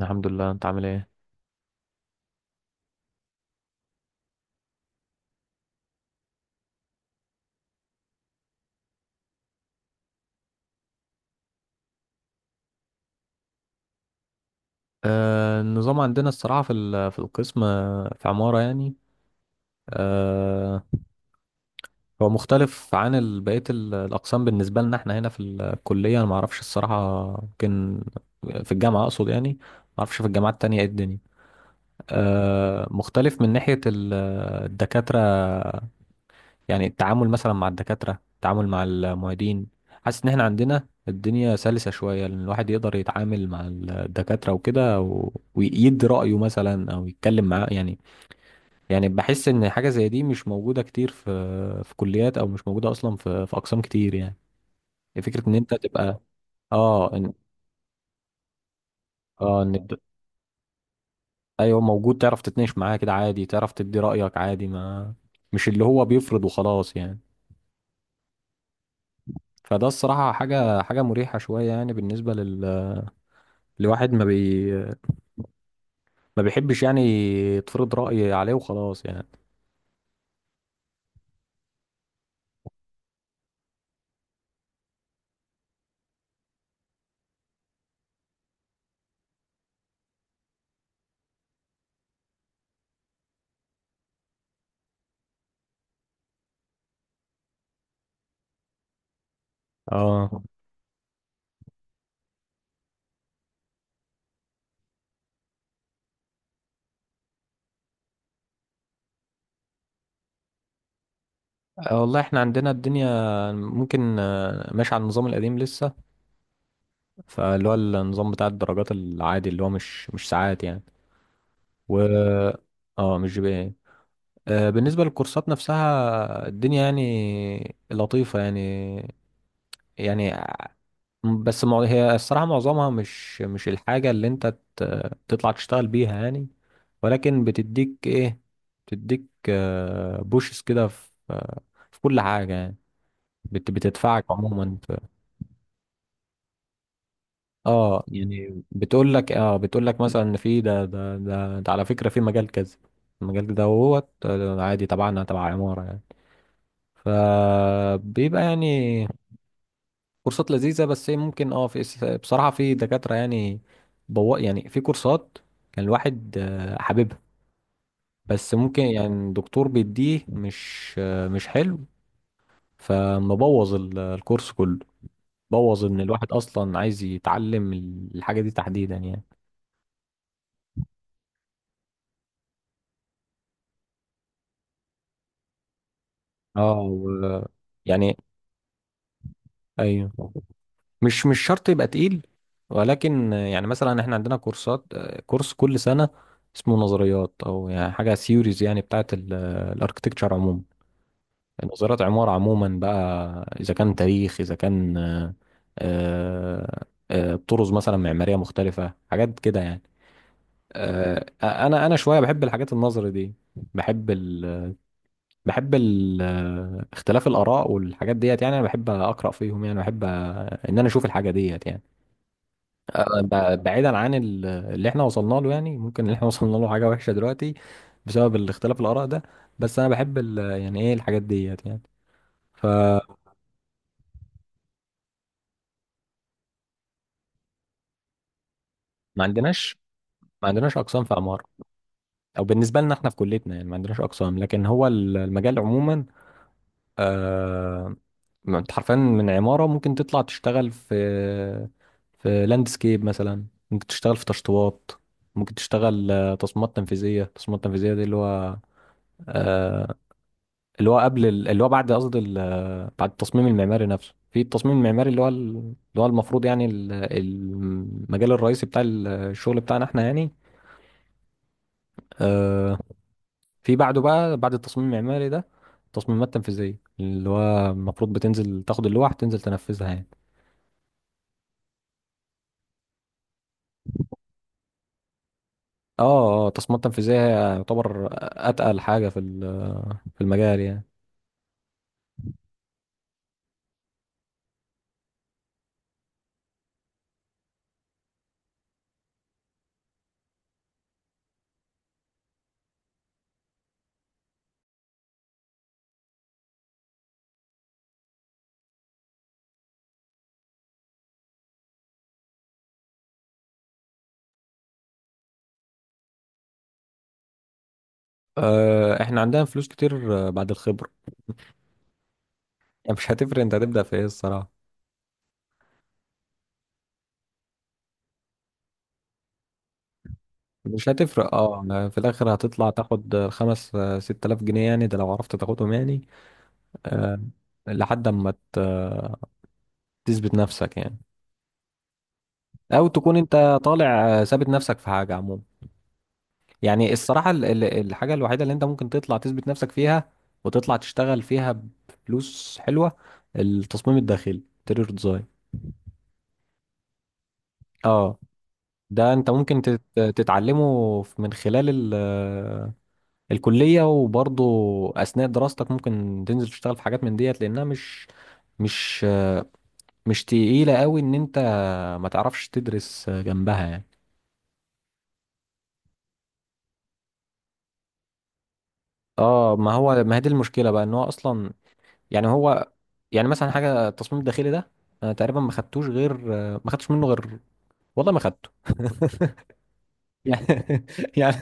الحمد لله، انت عامل ايه؟ النظام عندنا الصراحة في في القسم، في عمارة يعني. آه هو مختلف عن بقية الأقسام بالنسبة لنا، احنا هنا في الكلية. أنا معرفش الصراحة، يمكن في الجامعة أقصد يعني. معرفش في الجامعات التانية ايه الدنيا. مختلف من ناحية الدكاترة. يعني التعامل مثلا مع الدكاترة، التعامل مع المعيدين. حاسس ان احنا عندنا الدنيا سلسة شوية، لان الواحد يقدر يتعامل مع الدكاترة وكده ويدي رأيه مثلا او يتكلم معاه يعني. يعني بحس ان حاجة زي دي مش موجودة كتير في كليات، او مش موجودة اصلا في اقسام كتير يعني. فكرة ان انت تبقى اه إن... اه ان الد- ايوه، موجود، تعرف تتناقش معاه كده عادي، تعرف تدي رأيك عادي، ما مش اللي هو بيفرض وخلاص يعني. فده الصراحة حاجة مريحة شوية يعني بالنسبة الواحد. ما بيحبش يعني يتفرض رأي عليه وخلاص يعني. اه. والله احنا عندنا الدنيا ممكن، ماشي على النظام القديم لسه. فاللي هو النظام بتاع الدرجات العادي، اللي هو مش ساعات يعني. و اه، مش GPA. بالنسبة للكورسات نفسها، الدنيا يعني لطيفة يعني. يعني بس هي الصراحة معظمها مش الحاجة اللي انت تطلع تشتغل بيها يعني. ولكن بتديك ايه، بتديك بوشس كده في، في كل حاجة يعني. بتدفعك عموما اه، يعني بتقول لك مثلا ان في ده على فكرة في مجال كذا. المجال ده هو عادي، تبعنا تبع عمارة يعني. فبيبقى يعني كورسات لذيذة، بس هي ممكن بصراحة في دكاترة يعني، يعني في كورسات كان الواحد، حاببها. بس ممكن يعني الدكتور بيديه مش حلو، فمبوظ الكورس كله، بوظ ان الواحد اصلا عايز يتعلم الحاجة دي تحديدا يعني. اه و- يعني ايوه، مش شرط يبقى تقيل، ولكن يعني مثلا احنا عندنا كورسات، كورس كل سنة اسمه نظريات، او يعني حاجة سيوريز يعني بتاعت الاركتكتشر عموما. نظريات عمارة عموما بقى، إذا كان تاريخ، إذا كان طرز مثلا معمارية مختلفة، حاجات كده يعني. أنا شوية بحب الحاجات النظري دي. بحب ال بحب ال آه، اختلاف الآراء والحاجات ديت يعني، أنا بحب أقرأ فيهم يعني. بحب، إن أنا أشوف الحاجة ديت يعني. أنا بعيدا عن اللي إحنا وصلنا له يعني، ممكن اللي إحنا وصلنا له حاجة وحشة دلوقتي بسبب الاختلاف الآراء ده. بس أنا بحب يعني إيه الحاجات ديت يعني. ف ما عندناش ما عندناش اقسام في عمارة، او بالنسبة لنا احنا في كليتنا يعني ما عندناش اقسام. لكن هو المجال عموما، آه ما انت حرفيا من عمارة ممكن تطلع تشتغل في لاندسكيب مثلا، ممكن تشتغل في تشطيبات، ممكن تشتغل، تصميمات تنفيذية. التصميمات التنفيذية دي اللي هو، آه اللي هو اللي هو بعد قصدي بعد التصميم المعماري نفسه. في التصميم المعماري اللي هو اللي هو المفروض يعني المجال الرئيسي بتاع الشغل بتاعنا احنا يعني. آه، في بعده بقى، بعد التصميم المعماري ده، التصميمات التنفيذية، اللي هو المفروض بتنزل تاخد اللوح تنزل تنفذها يعني. اه. اه التصميمات التنفيذية هي يعتبر أتقل حاجة في في المجال يعني. احنا عندنا فلوس كتير، بعد الخبرة. يعني مش هتفرق انت هتبدأ في ايه الصراحة. مش هتفرق، اه يعني في الآخر هتطلع تاخد خمس آه، 6 آلاف جنيه يعني، ده لو عرفت تاخدهم يعني. آه لحد ما تثبت نفسك يعني، أو تكون انت طالع، ثابت نفسك في حاجة عموما. يعني الصراحة الحاجة الوحيدة اللي انت ممكن تطلع تثبت نفسك فيها وتطلع تشتغل فيها بفلوس حلوة، التصميم الداخلي، interior ديزاين. اه، ده انت ممكن تتعلمه من خلال ال- الكلية، وبرضه أثناء دراستك ممكن تنزل تشتغل في حاجات من ديت، لأنها مش مش تقيلة قوي ان انت ما تعرفش تدرس جنبها يعني. اه، ما هي دي المشكلة بقى، ان هو اصلا يعني هو يعني مثلا حاجه التصميم الداخلي ده، انا تقريبا ما خدتش منه غير، والله ما خدته. يعني يعني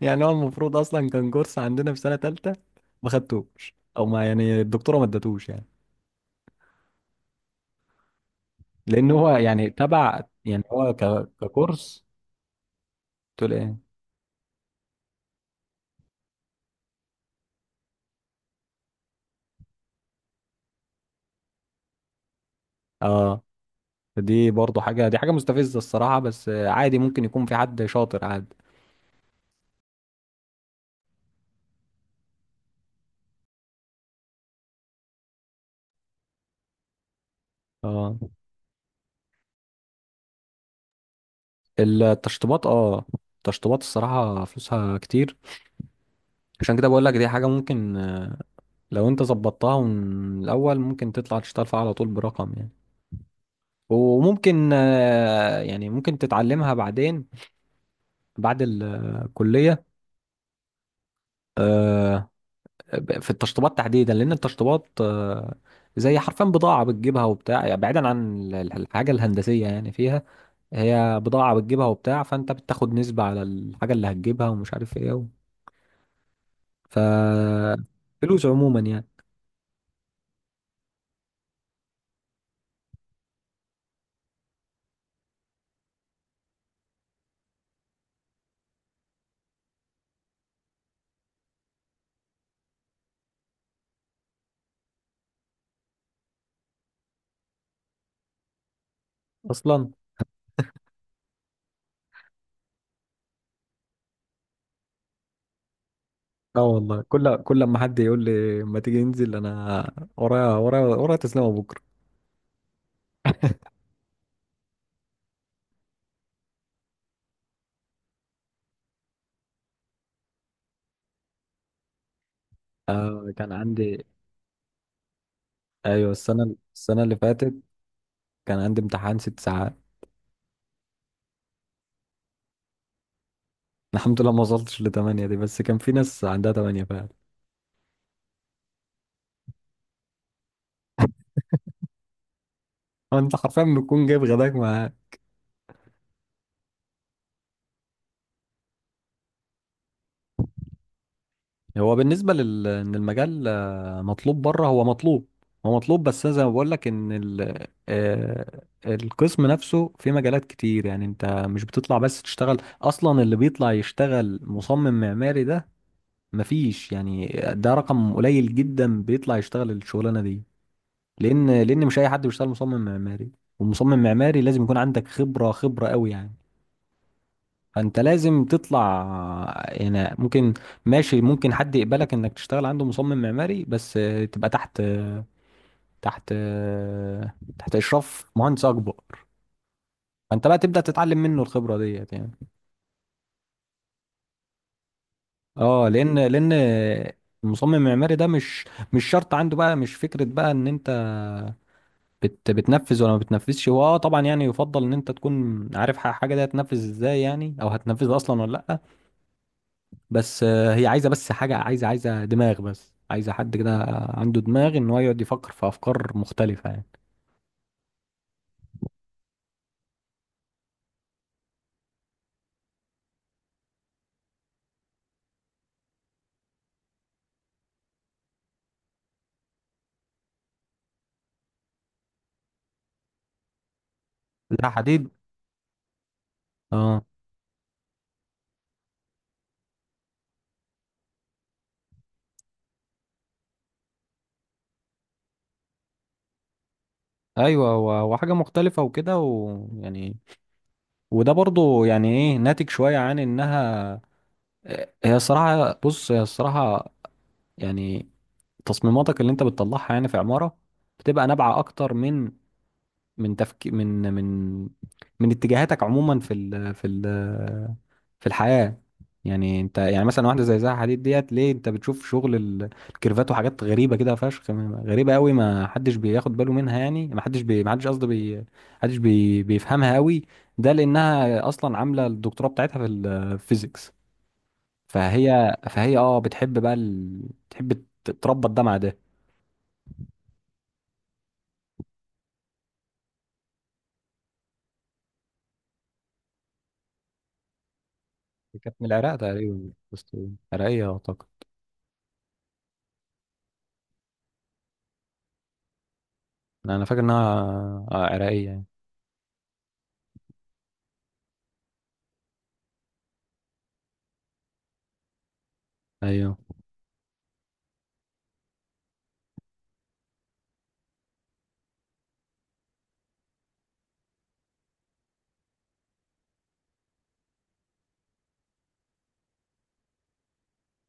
يعني هو المفروض اصلا كان كورس عندنا في سنه ثالثه، ما خدتوش او ما يعني الدكتوره ما ادتوش يعني، لان هو يعني تبع يعني هو ككورس. تقول ايه؟ اه، دي حاجه مستفزه الصراحه، بس عادي ممكن يكون في حد شاطر عادي. اه التشطيبات، التشطيبات الصراحه فلوسها كتير. عشان كده بقول لك دي حاجة ممكن، لو انت ظبطتها من الأول ممكن تطلع تشتغل فيها على طول برقم يعني. وممكن، يعني ممكن تتعلمها بعدين بعد الكلية، آه، في التشطيبات تحديدا، لأن التشطيبات زي حرفيا بضاعة بتجيبها وبتاع يعني، بعيدا عن الحاجة الهندسية يعني فيها، هي بضاعة بتجيبها وبتاع. فأنت بتاخد نسبة على الحاجة اللي هتجيبها ومش عارف ايه ف فلوس عموما يعني. أصلا اه، والله كل ما حد يقول لي ما تيجي ننزل، انا ورايا ورايا ورايا تسليمه بكره. كان عندي، ايوه السنه اللي فاتت كان عندي امتحان 6 ساعات. الحمد لله ما وصلتش لـ8 دي، بس كان في ناس عندها 8. انت حرفيا بتكون جايب غداك معاك. هو بالنسبه ان المجال، مطلوب بره، هو مطلوب. هو مطلوب، بس أنا زي ما بقول لك ان ال... آه، القسم نفسه في مجالات كتير. يعني انت مش بتطلع بس تشتغل، اصلا اللي بيطلع يشتغل مصمم معماري ده مفيش يعني، ده رقم قليل جدا بيطلع يشتغل الشغلانه دي، لان مش اي حد بيشتغل مصمم معماري. والمصمم معماري لازم يكون عندك خبره خبره قوي يعني. فانت لازم تطلع يعني، ممكن ماشي ممكن حد يقبلك انك تشتغل عنده مصمم معماري، بس تبقى تحت، تحت آه، اشراف مهندس اكبر. فانت بقى تبدا تتعلم منه الخبره ديت يعني. اه، لان المصمم المعماري ده مش شرط عنده بقى، مش فكرة بقى ان انت بتنفذ ولا ما بتنفذش. هو اه طبعا يعني يفضل ان انت تكون عارف حاجه دي هتنفذ ازاي يعني، او هتنفذها اصلا ولا لا. بس، هي عايزه بس حاجه، عايزه دماغ، بس عايزه حد كده عنده دماغ ان هو يقعد يفكر في افكار مختلفه يعني. لا حديد. اه ايوه، وحاجه مختلفه وكده ويعني، وده برضو يعني ايه، ناتج شويه عن انها، هي الصراحه يعني تصميماتك اللي انت بتطلعها يعني في عماره بتبقى نابعه اكتر من تفكير، من من اتجاهاتك عموما في الحياة. يعني انت يعني مثلا واحدة زي زها حديد ديت، ليه انت بتشوف شغل الكيرفات وحاجات غريبة كده فشخ، غريبة قوي ما حدش بياخد باله منها يعني. ما حدش بي ما حدش قصده بي حدش بي بيفهمها قوي. ده لأنها أصلا عاملة الدكتوراه بتاعتها في الفيزيكس. فهي اه بتحب بقى بتحب تربط ده مع ده. دي كانت من العراق تقريبا عراقية أعتقد. انا فاكر انها عراقية يعني. ايوه،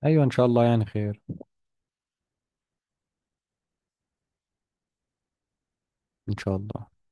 ايوه، ان شاء الله يعني خير. ان شاء الله.